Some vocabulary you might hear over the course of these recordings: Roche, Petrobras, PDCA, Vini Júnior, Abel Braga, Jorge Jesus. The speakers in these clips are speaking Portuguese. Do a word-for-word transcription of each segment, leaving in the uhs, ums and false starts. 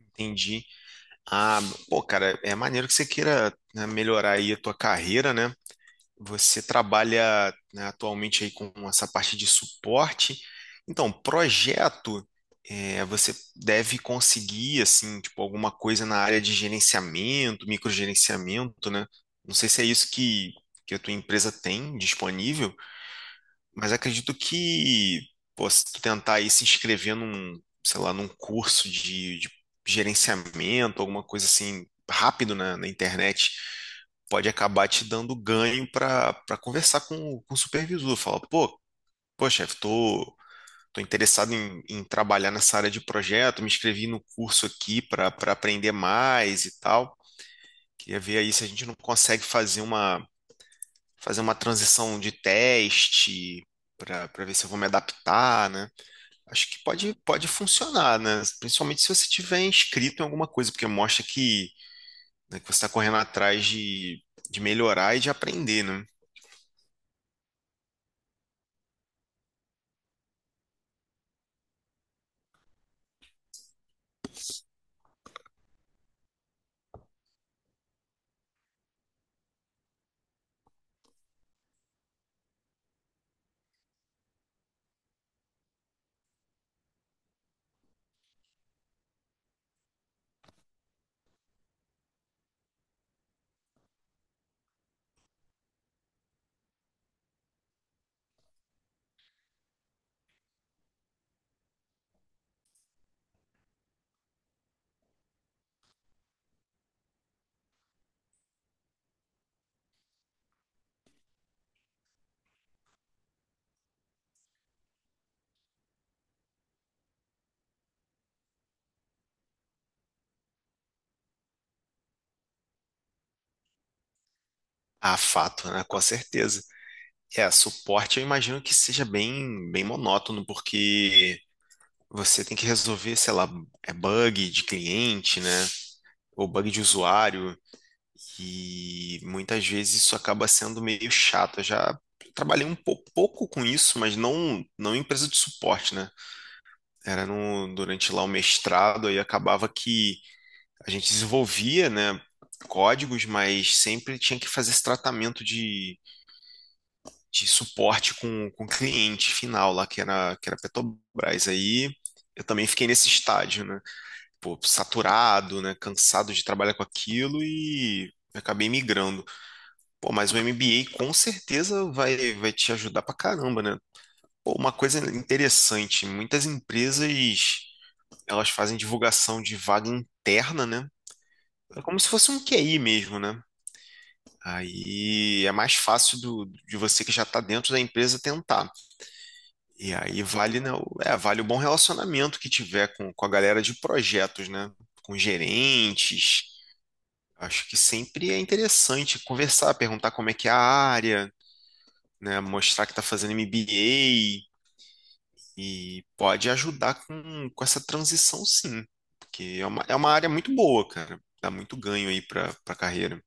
Entendi. Ah, pô, cara, é maneiro que você queira, né, melhorar aí a tua carreira, né? Você trabalha, né, atualmente aí com essa parte de suporte. Então, projeto, é, você deve conseguir, assim, tipo, alguma coisa na área de gerenciamento, microgerenciamento, né? Não sei se é isso que, que a tua empresa tem disponível, mas acredito que, pô, se tu tentar aí se inscrever num, sei lá, num curso de, de gerenciamento, alguma coisa assim, rápido na, na internet, pode acabar te dando ganho para para conversar com, o- com o supervisor. Fala, pô, pô, chefe, tô, tô interessado em, em trabalhar nessa área de projeto, me inscrevi no curso aqui para para aprender mais e tal. Queria ver aí se a gente não consegue fazer uma fazer uma transição de teste para para ver se eu vou me adaptar, né? Acho que pode, pode funcionar, né? Principalmente se você tiver inscrito em alguma coisa, porque mostra que, né, que você está correndo atrás de, de melhorar e de aprender, né? Ah, fato, né? Com certeza. É, suporte eu imagino que seja bem, bem monótono, porque você tem que resolver, sei lá, é bug de cliente, né? Ou bug de usuário. E muitas vezes isso acaba sendo meio chato. Eu já trabalhei um pou- pouco com isso, mas não, não em empresa de suporte, né? Era no, durante lá o mestrado, aí acabava que a gente desenvolvia, né, códigos, mas sempre tinha que fazer esse tratamento de, de suporte com, com o cliente final lá, que era, que era Petrobras. Aí eu também fiquei nesse estágio, né? Pô, saturado, né? Cansado de trabalhar com aquilo e acabei migrando. Pô, mas o M B A com certeza vai, vai te ajudar pra caramba, né? Pô, uma coisa interessante, muitas empresas elas fazem divulgação de vaga interna, né? É como se fosse um Q I mesmo, né? Aí é mais fácil do, de você que já está dentro da empresa tentar. E aí vale, né, o- é, vale o bom relacionamento que tiver com, com a galera de projetos, né? Com gerentes. Acho que sempre é interessante conversar, perguntar como é que é a área, né? Mostrar que está fazendo M B A e pode ajudar com, com essa transição, sim. Porque é uma, é uma, área muito boa, cara. Dá muito ganho aí para para carreira.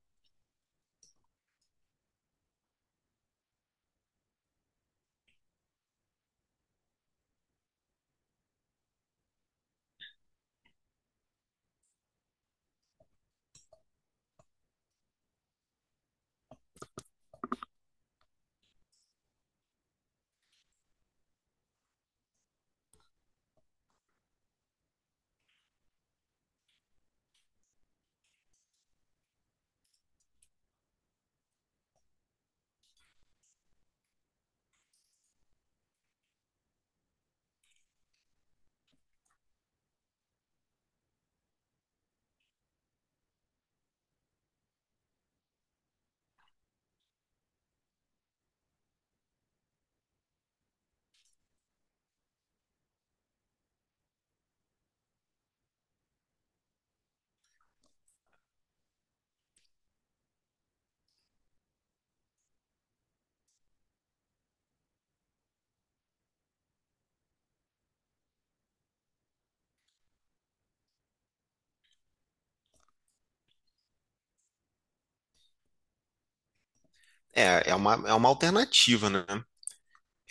É, é uma, é uma alternativa, né?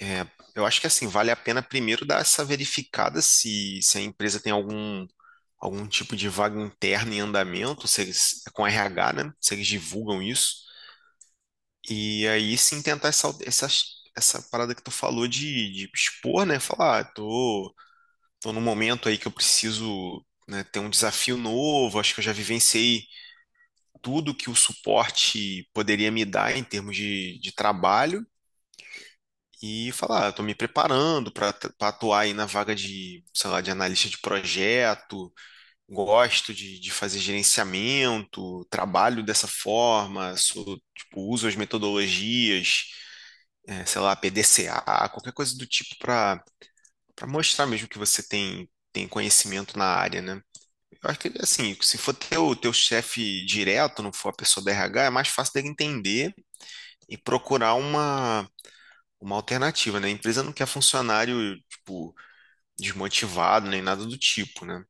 É, eu acho que assim, vale a pena primeiro dar essa verificada se, se a empresa tem algum, algum tipo de vaga interna em andamento, se eles, é com R H, né? Se eles divulgam isso. E aí sim tentar essa, essa, essa parada que tu falou de, de expor, né? Falar, ah, tô Estou num momento aí que eu preciso, né, ter um desafio novo. Acho que eu já vivenciei tudo que o suporte poderia me dar em termos de, de trabalho e falar, estou me preparando para atuar aí na vaga de, sei lá, de analista de projeto. Gosto de, de fazer gerenciamento, trabalho dessa forma, sou, tipo, uso as metodologias, eh, sei lá, P D C A, qualquer coisa do tipo para para mostrar mesmo que você tem, tem conhecimento na área, né? Eu acho que, assim, se for teu, teu, chefe direto, não for a pessoa da R H, é mais fácil dele entender e procurar uma, uma alternativa, né? A empresa não quer funcionário, tipo, desmotivado, nem nada do tipo, né?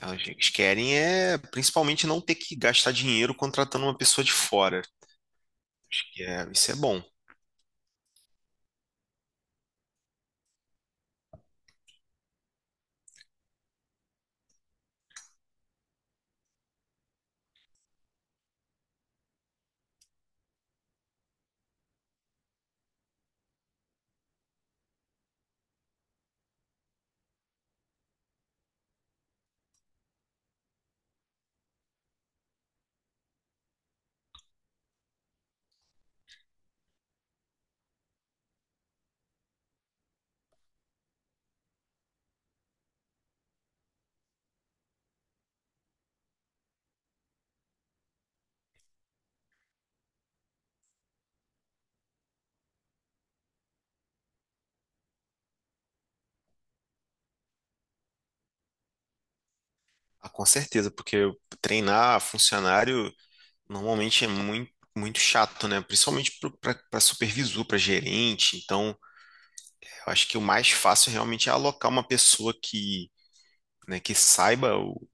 Elas Eles querem é, principalmente, não ter que gastar dinheiro contratando uma pessoa de fora. Que é- isso é bom. Ah, com certeza, porque treinar funcionário normalmente é muito, muito chato, né? Principalmente para supervisor, para gerente, então. Eu acho que o mais fácil realmente é alocar uma pessoa que, né, que saiba o,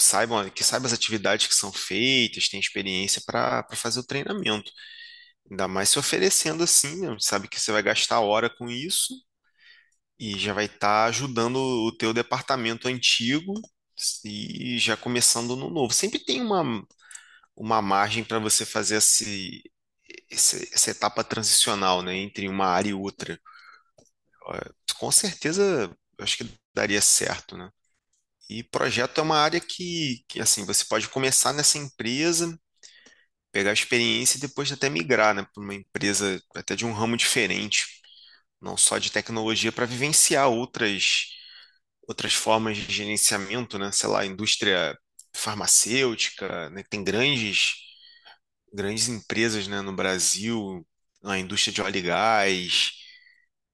saiba que saiba as atividades que são feitas, tem experiência para fazer o treinamento. Ainda mais se oferecendo assim, né? Sabe que você vai gastar hora com isso e já vai estar ajudando o teu departamento antigo e já começando no novo. Sempre tem uma, uma, margem para você fazer esse, esse- essa etapa transicional, né, entre uma área e outra. Eh, Com certeza, eu acho que daria certo, né? E projeto é uma área que, que assim, você pode começar nessa empresa, pegar experiência e depois até migrar, né, para uma empresa até de um ramo diferente, não só de tecnologia, para vivenciar outras outras formas de gerenciamento, né, sei lá, indústria farmacêutica, né, tem grandes grandes empresas, né, no Brasil, a indústria de óleo e gás,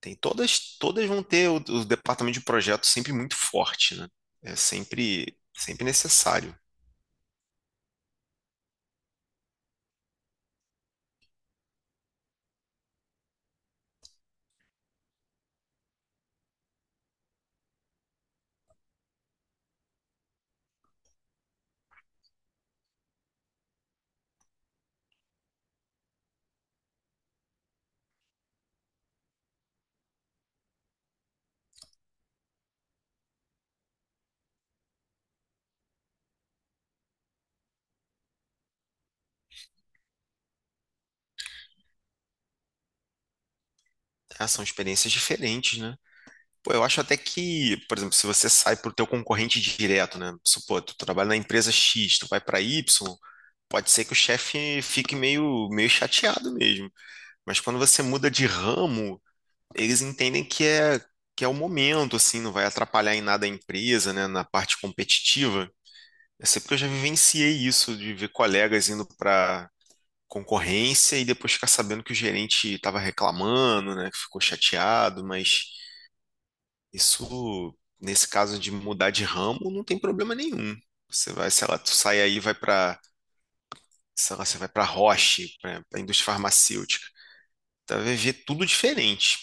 tem todas todas vão ter o, o departamento de projeto sempre muito forte, né? É sempre sempre necessário. Ah, são experiências diferentes, né? Pô, eu acho até que, por exemplo, se você sai pro teu concorrente direto, né? Supor, tu trabalha na empresa X, tu vai para Y, pode ser que o chefe fique meio, meio chateado mesmo. Mas quando você muda de ramo, eles entendem que é, que é o momento, assim, não vai atrapalhar em nada a empresa, né? Na parte competitiva. Eu sei porque eu já vivenciei isso, de ver colegas indo para concorrência e depois ficar sabendo que o gerente estava reclamando, né? Que ficou chateado. mas Isso, nesse caso de mudar de ramo, não tem problema nenhum. Você vai, sei lá, tu sai aí, e vai para, sei lá, você vai para Roche, para a indústria farmacêutica. Tu vai ver tudo diferente.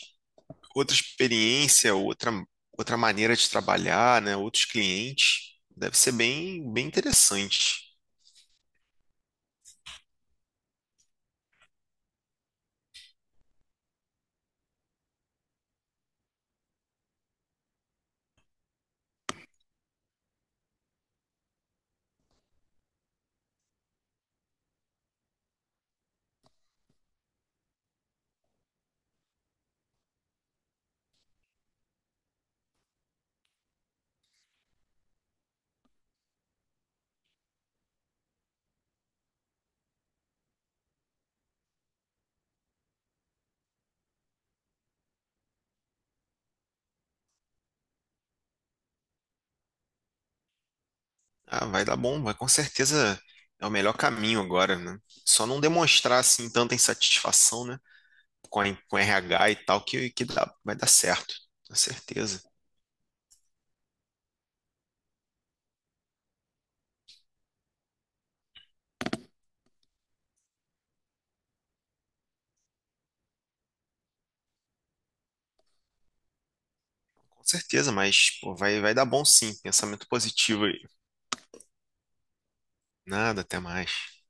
Outra experiência, outra, outra maneira de trabalhar, né? Outros clientes. Deve ser bem, bem interessante. Ah, vai dar bom, vai com certeza é o melhor caminho agora, né? Só não demonstrar assim tanta insatisfação, né? Com a, com R H e tal, que, que dá, vai dar certo, com certeza. Com certeza, mas pô, vai, vai dar bom sim. Pensamento positivo aí. Nada, até mais.